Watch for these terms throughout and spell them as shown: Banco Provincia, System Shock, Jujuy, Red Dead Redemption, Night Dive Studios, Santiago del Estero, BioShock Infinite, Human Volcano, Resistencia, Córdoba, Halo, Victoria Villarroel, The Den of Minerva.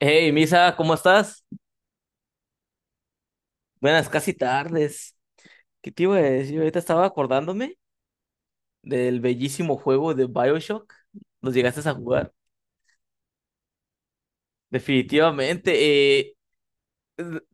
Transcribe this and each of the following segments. Hey, Misa, ¿cómo estás? Buenas, casi tardes. ¿Qué te iba a decir? Ahorita estaba acordándome del bellísimo juego de BioShock. ¿Los llegaste a jugar? Definitivamente. eh,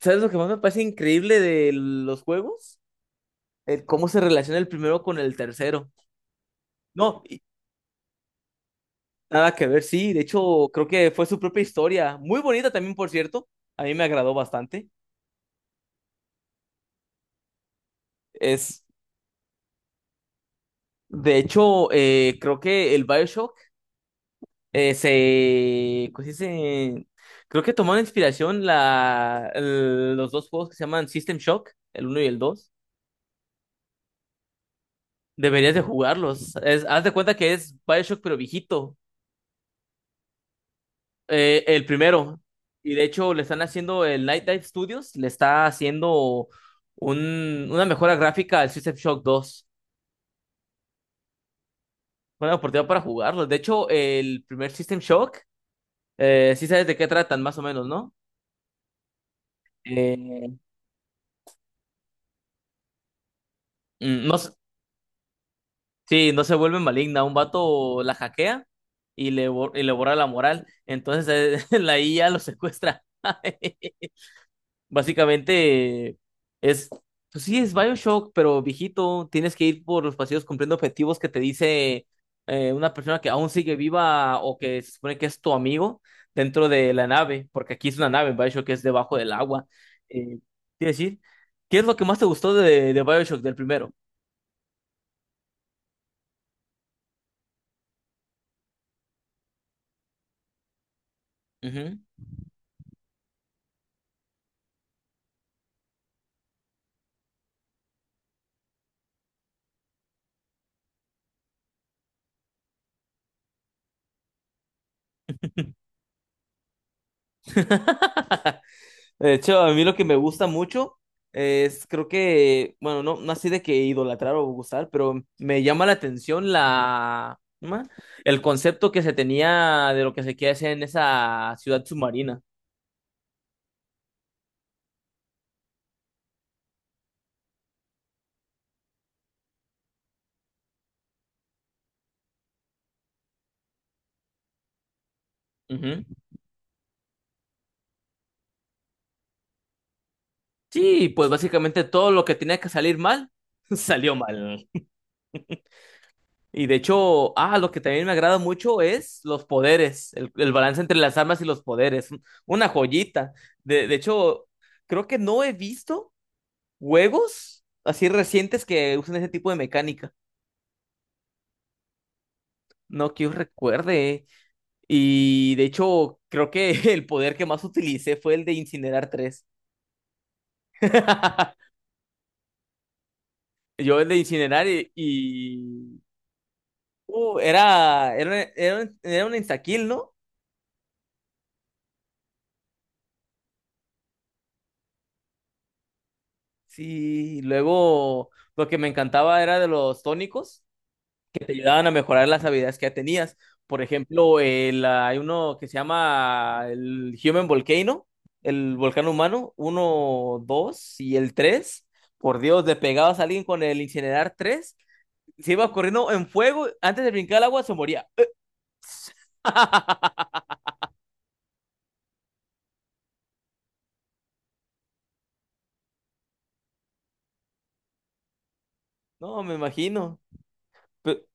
¿Sabes lo que más me parece increíble de los juegos? El cómo se relaciona el primero con el tercero. No, y nada que ver, sí. De hecho, creo que fue su propia historia. Muy bonita también, por cierto. A mí me agradó bastante. Es, de hecho, creo que el BioShock se, ¿cómo se Creo que tomaron inspiración los dos juegos que se llaman System Shock, el uno y el dos. Deberías de jugarlos. Haz de cuenta que es BioShock pero viejito, el primero. Y de hecho le están haciendo, el Night Dive Studios le está haciendo una mejora gráfica al System Shock 2. Buena oportunidad para jugarlos. De hecho, el primer System Shock, sí sabes de qué tratan más o menos, ¿no? Eh, no. Sí, no se vuelve maligna. Un vato la hackea y y le borra la moral. Entonces la IA lo secuestra. Básicamente es, pues sí, es BioShock, pero viejito, tienes que ir por los pasillos cumpliendo objetivos que te dice una persona que aún sigue viva o que se supone que es tu amigo dentro de la nave, porque aquí es una nave, BioShock es debajo del agua. Eh, quiero decir, ¿qué es lo que más te gustó de BioShock del primero? Ujú. De hecho, a mí lo que me gusta mucho es, creo que, bueno, no, no así de que idolatrar o gustar, pero me llama la atención ¿cómo se llama? El concepto que se tenía de lo que se quiere hacer en esa ciudad submarina. Ujú. Sí, pues básicamente todo lo que tenía que salir mal, salió mal. Y de hecho, lo que también me agrada mucho es los poderes, el balance entre las armas y los poderes. Una joyita. De hecho, creo que no he visto juegos así recientes que usan ese tipo de mecánica. No que yo recuerde. Y de hecho, creo que el poder que más utilicé fue el de incinerar tres. Yo el de incinerar y, uh, era, era, era, era un instakill, ¿no? Sí, luego lo que me encantaba era de los tónicos. Te ayudaban a mejorar las habilidades que ya tenías. Por ejemplo, hay uno que se llama el Human Volcano, el volcán humano, uno, dos y el tres. Por Dios, le pegabas a alguien con el incinerar tres, se iba corriendo en fuego, antes de brincar al agua se moría. No, me imagino. Pe-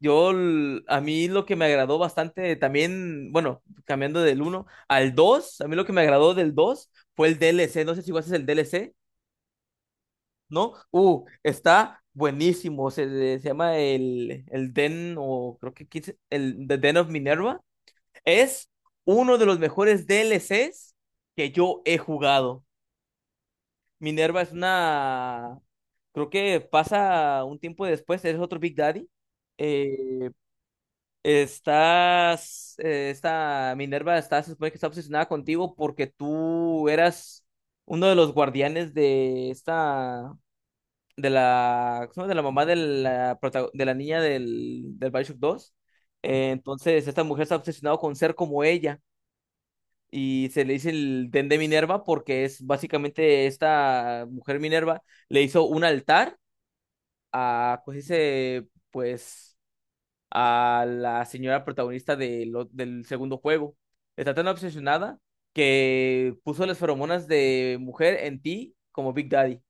Yo, a mí lo que me agradó bastante también, bueno, cambiando del uno al dos, a mí lo que me agradó del 2 fue el DLC. No sé si jugaste el DLC. ¿No? Está buenísimo. Se llama el Den, o creo que quise- el The Den of Minerva. Es uno de los mejores D L Cs que yo he jugado. Minerva es una. Creo que pasa un tiempo después, es otro Big Daddy. Eh, estás. Esta Minerva está, se supone que está obsesionada contigo porque tú eras uno de los guardianes de esta. De la, ¿cómo se llama? De la mamá de la, de la niña del, del Bioshock 2. Entonces, esta mujer está obsesionada con ser como ella, y se le dice el Den de Minerva porque es básicamente esta mujer Minerva le hizo un altar a, pues dice, pues a la señora protagonista de del segundo juego. Está tan obsesionada que puso las feromonas de mujer en ti como Big Daddy.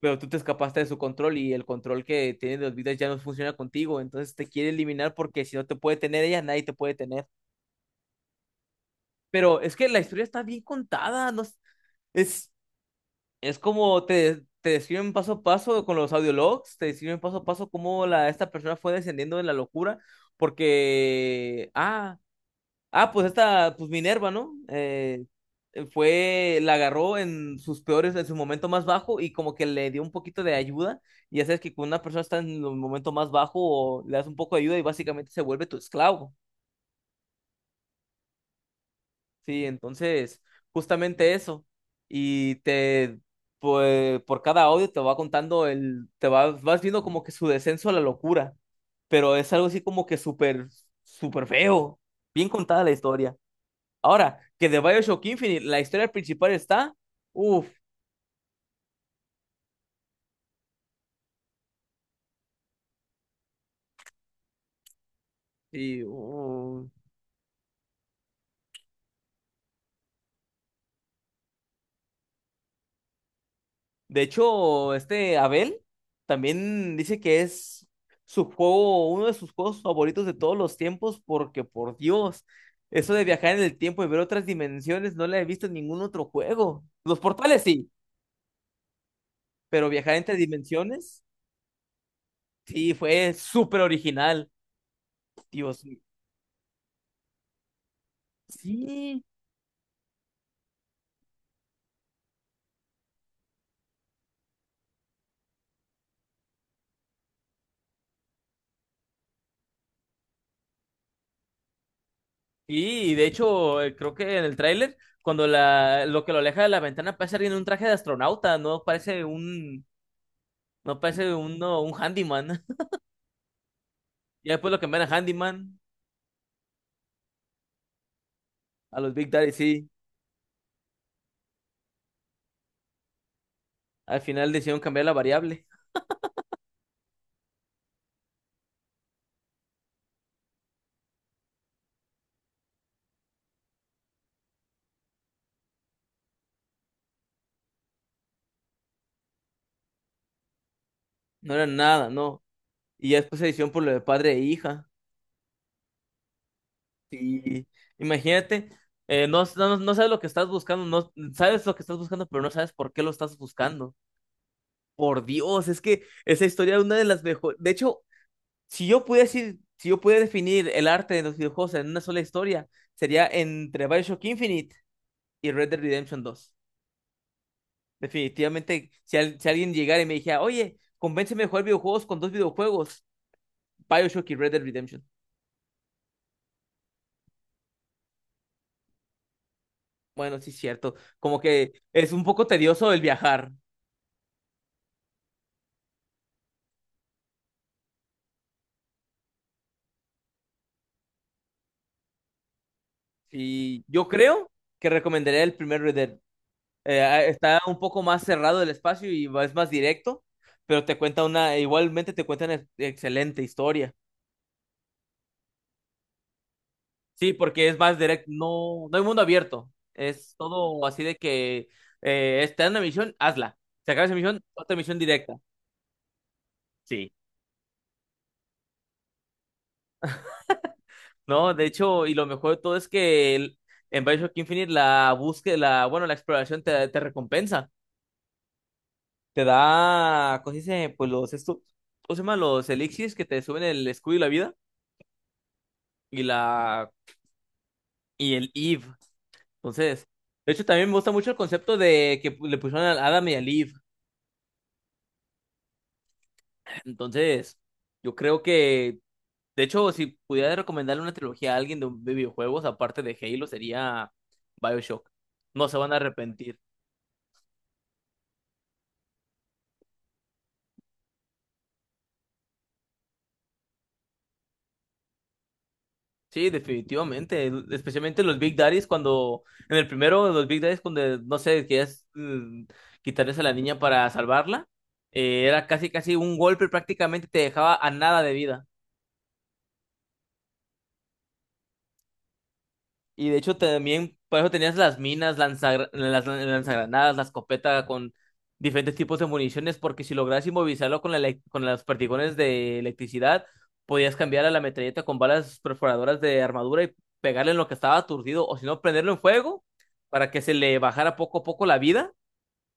Pero tú te escapaste de su control y el control que tiene de los vidas ya no funciona contigo, entonces te quiere eliminar porque si no te puede tener ella, nadie te puede tener. Pero es que la historia está bien contada, no es, es, es como te describen paso a paso con los audiologs, te describen paso a paso cómo esta persona fue descendiendo de la locura, porque, pues esta, pues Minerva, ¿no? Fue, la agarró en sus peores, en su momento más bajo y como que le dio un poquito de ayuda. Y ya sabes que cuando una persona está en el momento más bajo, o le das un poco de ayuda y básicamente se vuelve tu esclavo. Sí, entonces, justamente eso. Y te, pues, por cada audio te va contando el, te vas, vas viendo como que su descenso a la locura. Pero es algo así como que súper, súper feo. Bien contada la historia. Ahora, que de BioShock Infinite, la historia principal está. Uf, y. De hecho, este Abel también dice que es su juego, uno de sus juegos favoritos de todos los tiempos, porque por Dios, eso de viajar en el tiempo y ver otras dimensiones no la he visto en ningún otro juego. Los portales sí, pero viajar entre dimensiones, sí, fue súper original. Dios mío. Sí. Sí, y de hecho, creo que en el tráiler, cuando lo que lo aleja de la ventana parece alguien en un traje de astronauta, no parece un no un handyman. Y después lo cambiaron a handyman, a los Big Daddy, sí. Al final decidieron cambiar la variable. No era nada, no. Y ya después se decidieron por lo de padre e hija. Sí. Imagínate, no, no, no sabes lo que estás buscando, no sabes lo que estás buscando, pero no sabes por qué lo estás buscando. Por Dios, es que esa historia es una de las mejores. De hecho, si yo pudiese, si yo pudiera definir el arte de los videojuegos en una sola historia, sería entre Bioshock Infinite y Red Dead Redemption dos. Definitivamente, si, si alguien llegara y me dijera, oye, convénceme de jugar videojuegos con dos videojuegos, Bioshock y Red Dead Redemption. Bueno, sí es cierto. Como que es un poco tedioso el viajar. Y yo creo que recomendaría el primer Red Dead. Está un poco más cerrado el espacio y es más directo, pero te cuenta una, igualmente te cuenta una excelente historia. Sí, porque es más directo, no, no hay mundo abierto. Es todo así de que está en una misión, hazla. Se acaba esa misión, otra misión directa. Sí. No, de hecho, y lo mejor de todo es que en Bioshock Infinite la búsqueda, la, bueno, la exploración te, te recompensa. Te da, ¿cómo se dice? Pues los esto, ¿cómo se llama? Los elixirs que te suben el escudo y la vida y la y el Eve. Entonces, de hecho, también me gusta mucho el concepto de que le pusieron a Adam y a Eve. Entonces, yo creo que de hecho, si pudiera recomendarle una trilogía a alguien de, de videojuegos, aparte de Halo, sería BioShock. No se van a arrepentir. Sí, definitivamente. Especialmente los Big Daddies cuando, en el primero, los Big Daddies cuando, no sé, quieres quitarles a la niña para salvarla. Era casi, casi un golpe, prácticamente te dejaba a nada de vida. Y de hecho también, por eso tenías las minas, las lanzagranadas, la escopeta con diferentes tipos de municiones, porque si logras inmovilizarlo con, con los perdigones de electricidad, podías cambiar a la metralleta con balas perforadoras de armadura y pegarle en lo que estaba aturdido, o si no, prenderlo en fuego para que se le bajara poco a poco la vida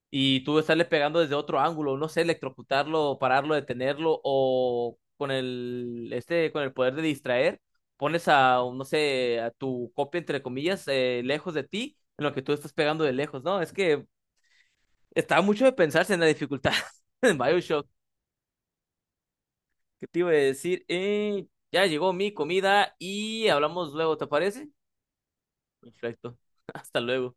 y tú estarle pegando desde otro ángulo, no sé, electrocutarlo, pararlo, detenerlo, o con el, este, con el poder de distraer, pones a, no sé, a tu copia, entre comillas, lejos de ti, en lo que tú estás pegando de lejos, ¿no? Es que está mucho de pensarse en la dificultad en BioShock. ¿Qué te iba a decir? Ya llegó mi comida y hablamos luego, ¿te parece? Perfecto. Hasta luego.